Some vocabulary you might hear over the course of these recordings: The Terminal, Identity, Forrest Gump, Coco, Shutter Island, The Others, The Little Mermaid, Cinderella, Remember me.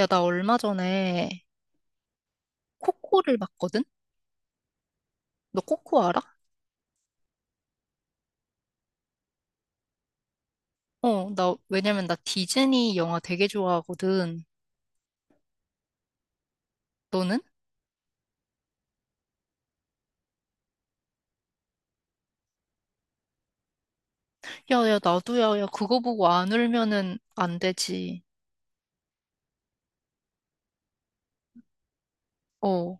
야, 나 얼마 전에 코코를 봤거든? 너 코코 알아? 어, 나, 왜냐면 나 디즈니 영화 되게 좋아하거든. 너는? 야, 야, 나도 야, 야, 그거 보고 안 울면은 안 되지. 어,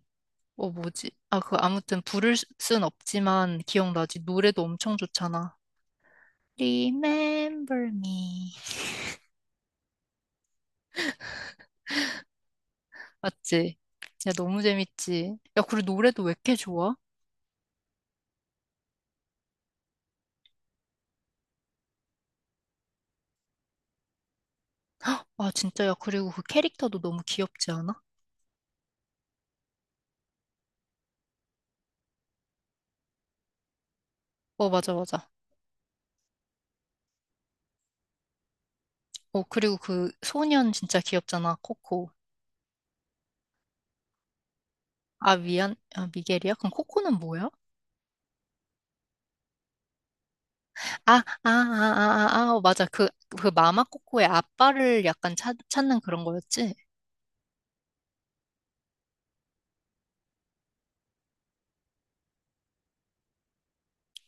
어, 뭐지? 아, 그, 아무튼 순 없지만 기억나지? 노래도 엄청 좋잖아. Remember me. 맞지? 야, 너무 재밌지? 야, 그리고 노래도 왜 이렇게 좋아? 아, 진짜, 야, 그리고 그 캐릭터도 너무 귀엽지 않아? 어, 맞아, 맞아. 어, 그리고 그 소년 진짜 귀엽잖아, 코코. 아, 미안, 아, 미겔이야? 그럼 코코는 뭐야? 아, 아, 아, 아, 아, 아, 어, 맞아. 그, 그 마마 코코의 아빠를 약간 찾는 그런 거였지?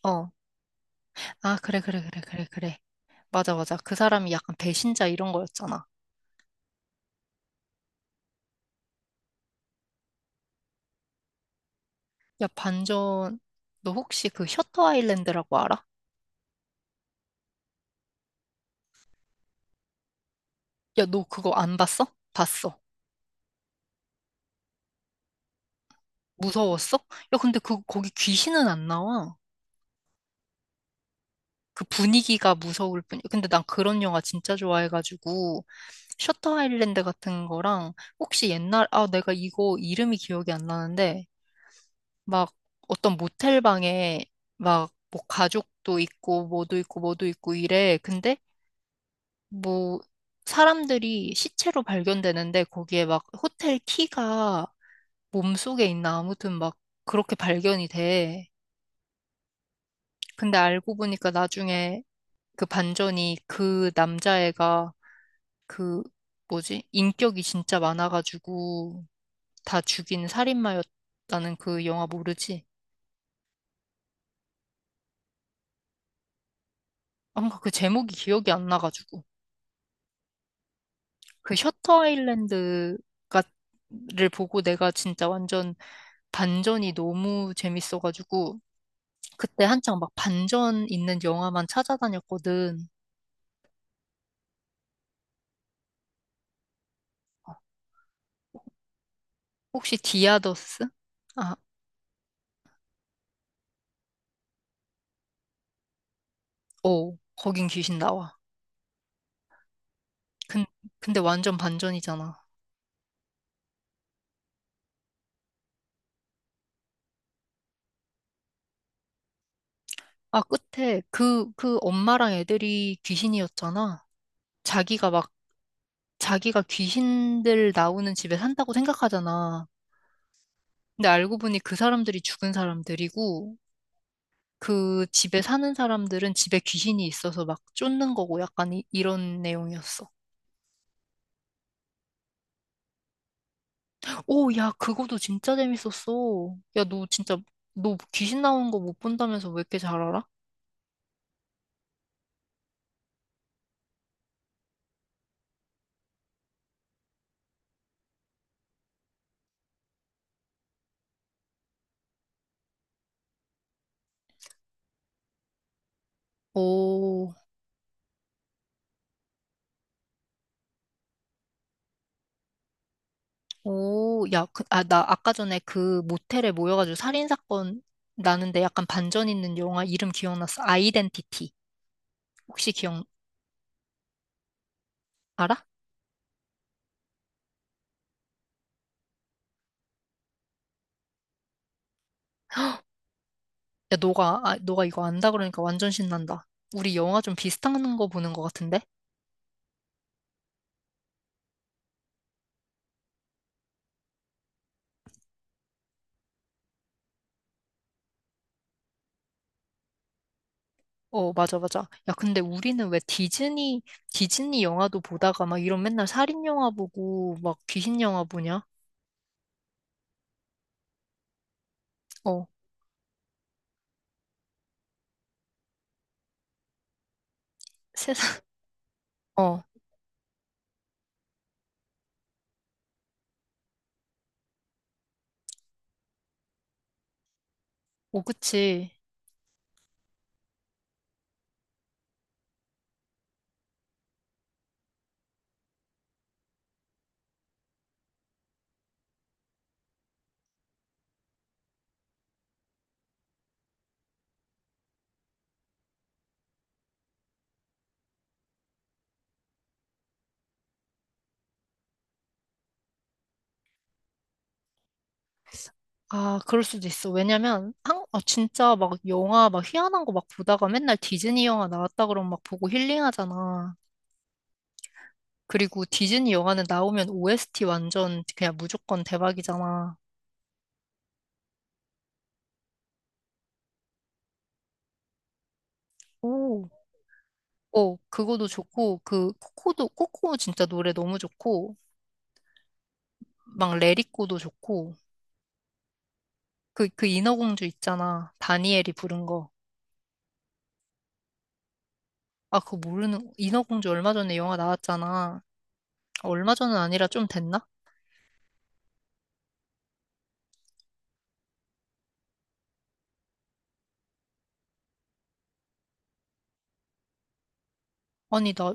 어. 아, 그래, 그래, 그래, 그래, 그래. 맞아, 맞아. 그 사람이 약간 배신자 이런 거였잖아. 야, 반전, 너 혹시 그 셔터 아일랜드라고 알아? 야, 너 그거 안 봤어? 봤어. 무서웠어? 야, 근데 그, 거기 귀신은 안 나와. 그 분위기가 무서울 뿐이야. 근데 난 그런 영화 진짜 좋아해가지고. 셔터 아일랜드 같은 거랑 혹시 옛날 아 내가 이거 이름이 기억이 안 나는데 막 어떤 모텔 방에 막 뭐 가족도 있고 뭐도 있고 뭐도 있고 이래 근데 뭐 사람들이 시체로 발견되는데 거기에 막 호텔 키가 몸속에 있나 아무튼 막 그렇게 발견이 돼 근데 알고 보니까 나중에 그 반전이 그 남자애가 그 뭐지? 인격이 진짜 많아가지고 다 죽인 살인마였다는 그 영화 모르지? 뭔가 그 제목이 기억이 안 나가지고 그 셔터 아일랜드가 를 보고 내가 진짜 완전 반전이 너무 재밌어가지고 그때 한창 막 반전 있는 영화만 찾아다녔거든. 혹시 디아더스? 아, 어, 거긴 귀신 나와. 근, 근데 완전 반전이잖아. 아, 끝에 그, 그 엄마랑 애들이 귀신이었잖아. 자기가 막 자기가 귀신들 나오는 집에 산다고 생각하잖아. 근데 알고 보니 그 사람들이 죽은 사람들이고 그 집에 사는 사람들은 집에 귀신이 있어서 막 쫓는 거고 약간 이런 내용이었어. 오, 야, 그거도 진짜 재밌었어. 야, 너 진짜 너 귀신 나오는 거 못 본다면서 왜 이렇게 잘 알아? 오, 오, 야, 그, 아, 나 아까 전에 그 모텔에 모여가지고 살인사건 나는데 약간 반전 있는 영화 이름 기억났어. 아이덴티티. 혹시 기억, 알아? 야, 너가, 아, 너가 이거 안다 그러니까 완전 신난다. 우리 영화 좀 비슷한 거 보는 것 같은데? 어, 맞아, 맞아. 야, 근데 우리는 왜 디즈니 영화도 보다가 막 이런 맨날 살인 영화 보고 막 귀신 영화 보냐? 어, 세상, 어, 어, 그치. 아, 그럴 수도 있어. 왜냐면, 한, 아, 진짜 막 영화 막 희한한 거 막 보다가 맨날 디즈니 영화 나왔다 그러면 막 보고 힐링하잖아. 그리고 디즈니 영화는 나오면 OST 완전 그냥 무조건 대박이잖아. 오. 어, 그거도 좋고, 그, 코코도, 코코 진짜 노래 너무 좋고, 막 레리코도 좋고, 그, 그 인어공주 있잖아. 다니엘이 부른 거. 아, 그거 모르는, 인어공주 얼마 전에 영화 나왔잖아. 얼마 전은 아니라 좀 됐나? 아니, 나,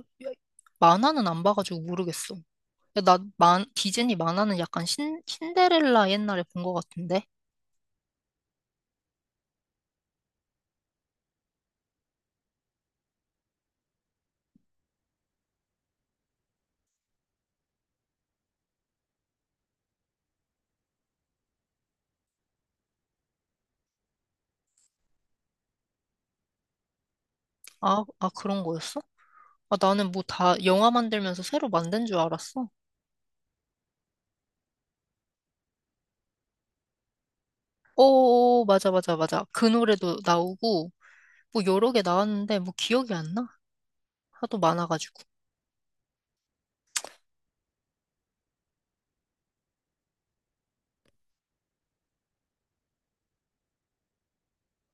만화는 안 봐가지고 모르겠어. 야, 나, 만, 디즈니 만화는 약간 신데렐라 옛날에 본 거 같은데? 아, 아, 그런 거였어? 아, 나는 뭐 다 영화 만들면서 새로 만든 줄 알았어. 오, 맞아, 맞아, 맞아. 그 노래도 나오고, 뭐 여러 개 나왔는데 뭐 기억이 안 나? 하도 많아가지고.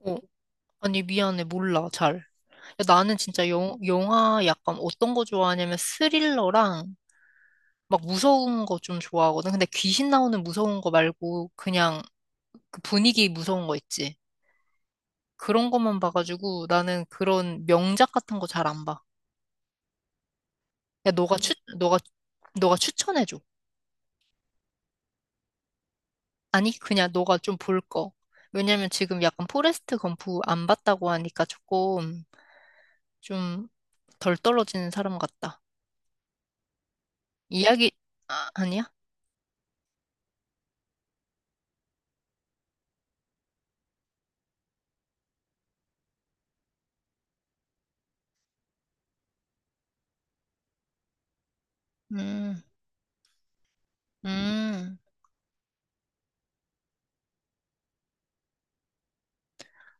어, 아니 미안해 몰라 잘. 야, 나는 진짜 영화 약간 어떤 거 좋아하냐면 스릴러랑 막 무서운 거 좀 좋아하거든. 근데 귀신 나오는 무서운 거 말고 그냥 그 분위기 무서운 거 있지. 그런 것만 봐가지고 나는 그런 명작 같은 거 잘 안 봐. 야 너가 너가 추천해줘. 아니 그냥 너가 좀 볼 거. 왜냐면 지금 약간 포레스트 검프 안 봤다고 하니까 조금 좀 덜 떨어지는 사람 같다. 이야기, 아, 아니야? 음, 음.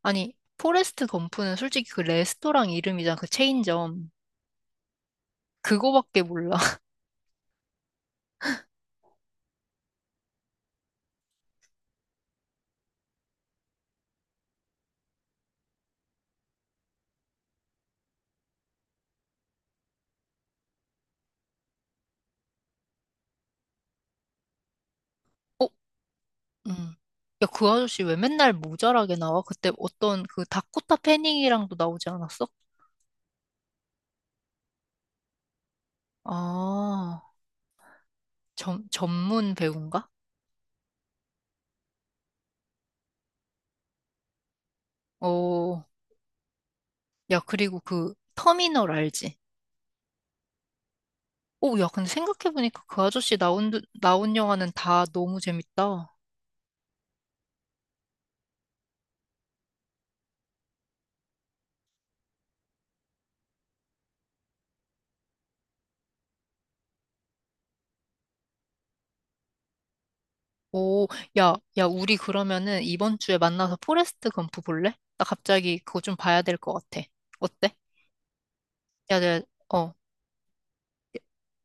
아니, 포레스트 검프는 솔직히 그 레스토랑 이름이잖아, 그 체인점. 그거밖에 몰라. 어? 음. 야, 그 아저씨 왜 맨날 모자라게 나와? 그때 어떤 그 다코타 패닝이랑도 나오지 않았어? 아, 전문 배우인가? 어, 야, 그리고 그 터미널 알지? 오, 야, 근데 생각해보니까 그 아저씨 나온 영화는 다 너무 재밌다. 오, 야, 야, 우리 그러면은 이번 주에 만나서 포레스트 검프 볼래? 나 갑자기 그거 좀 봐야 될 것 같아. 어때? 야, 야, 어,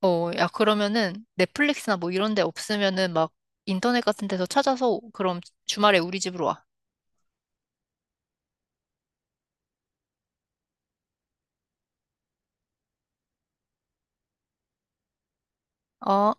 어, 야, 그러면은 넷플릭스나 뭐 이런 데 없으면은 막 인터넷 같은 데서 찾아서 그럼 주말에 우리 집으로 와. 어.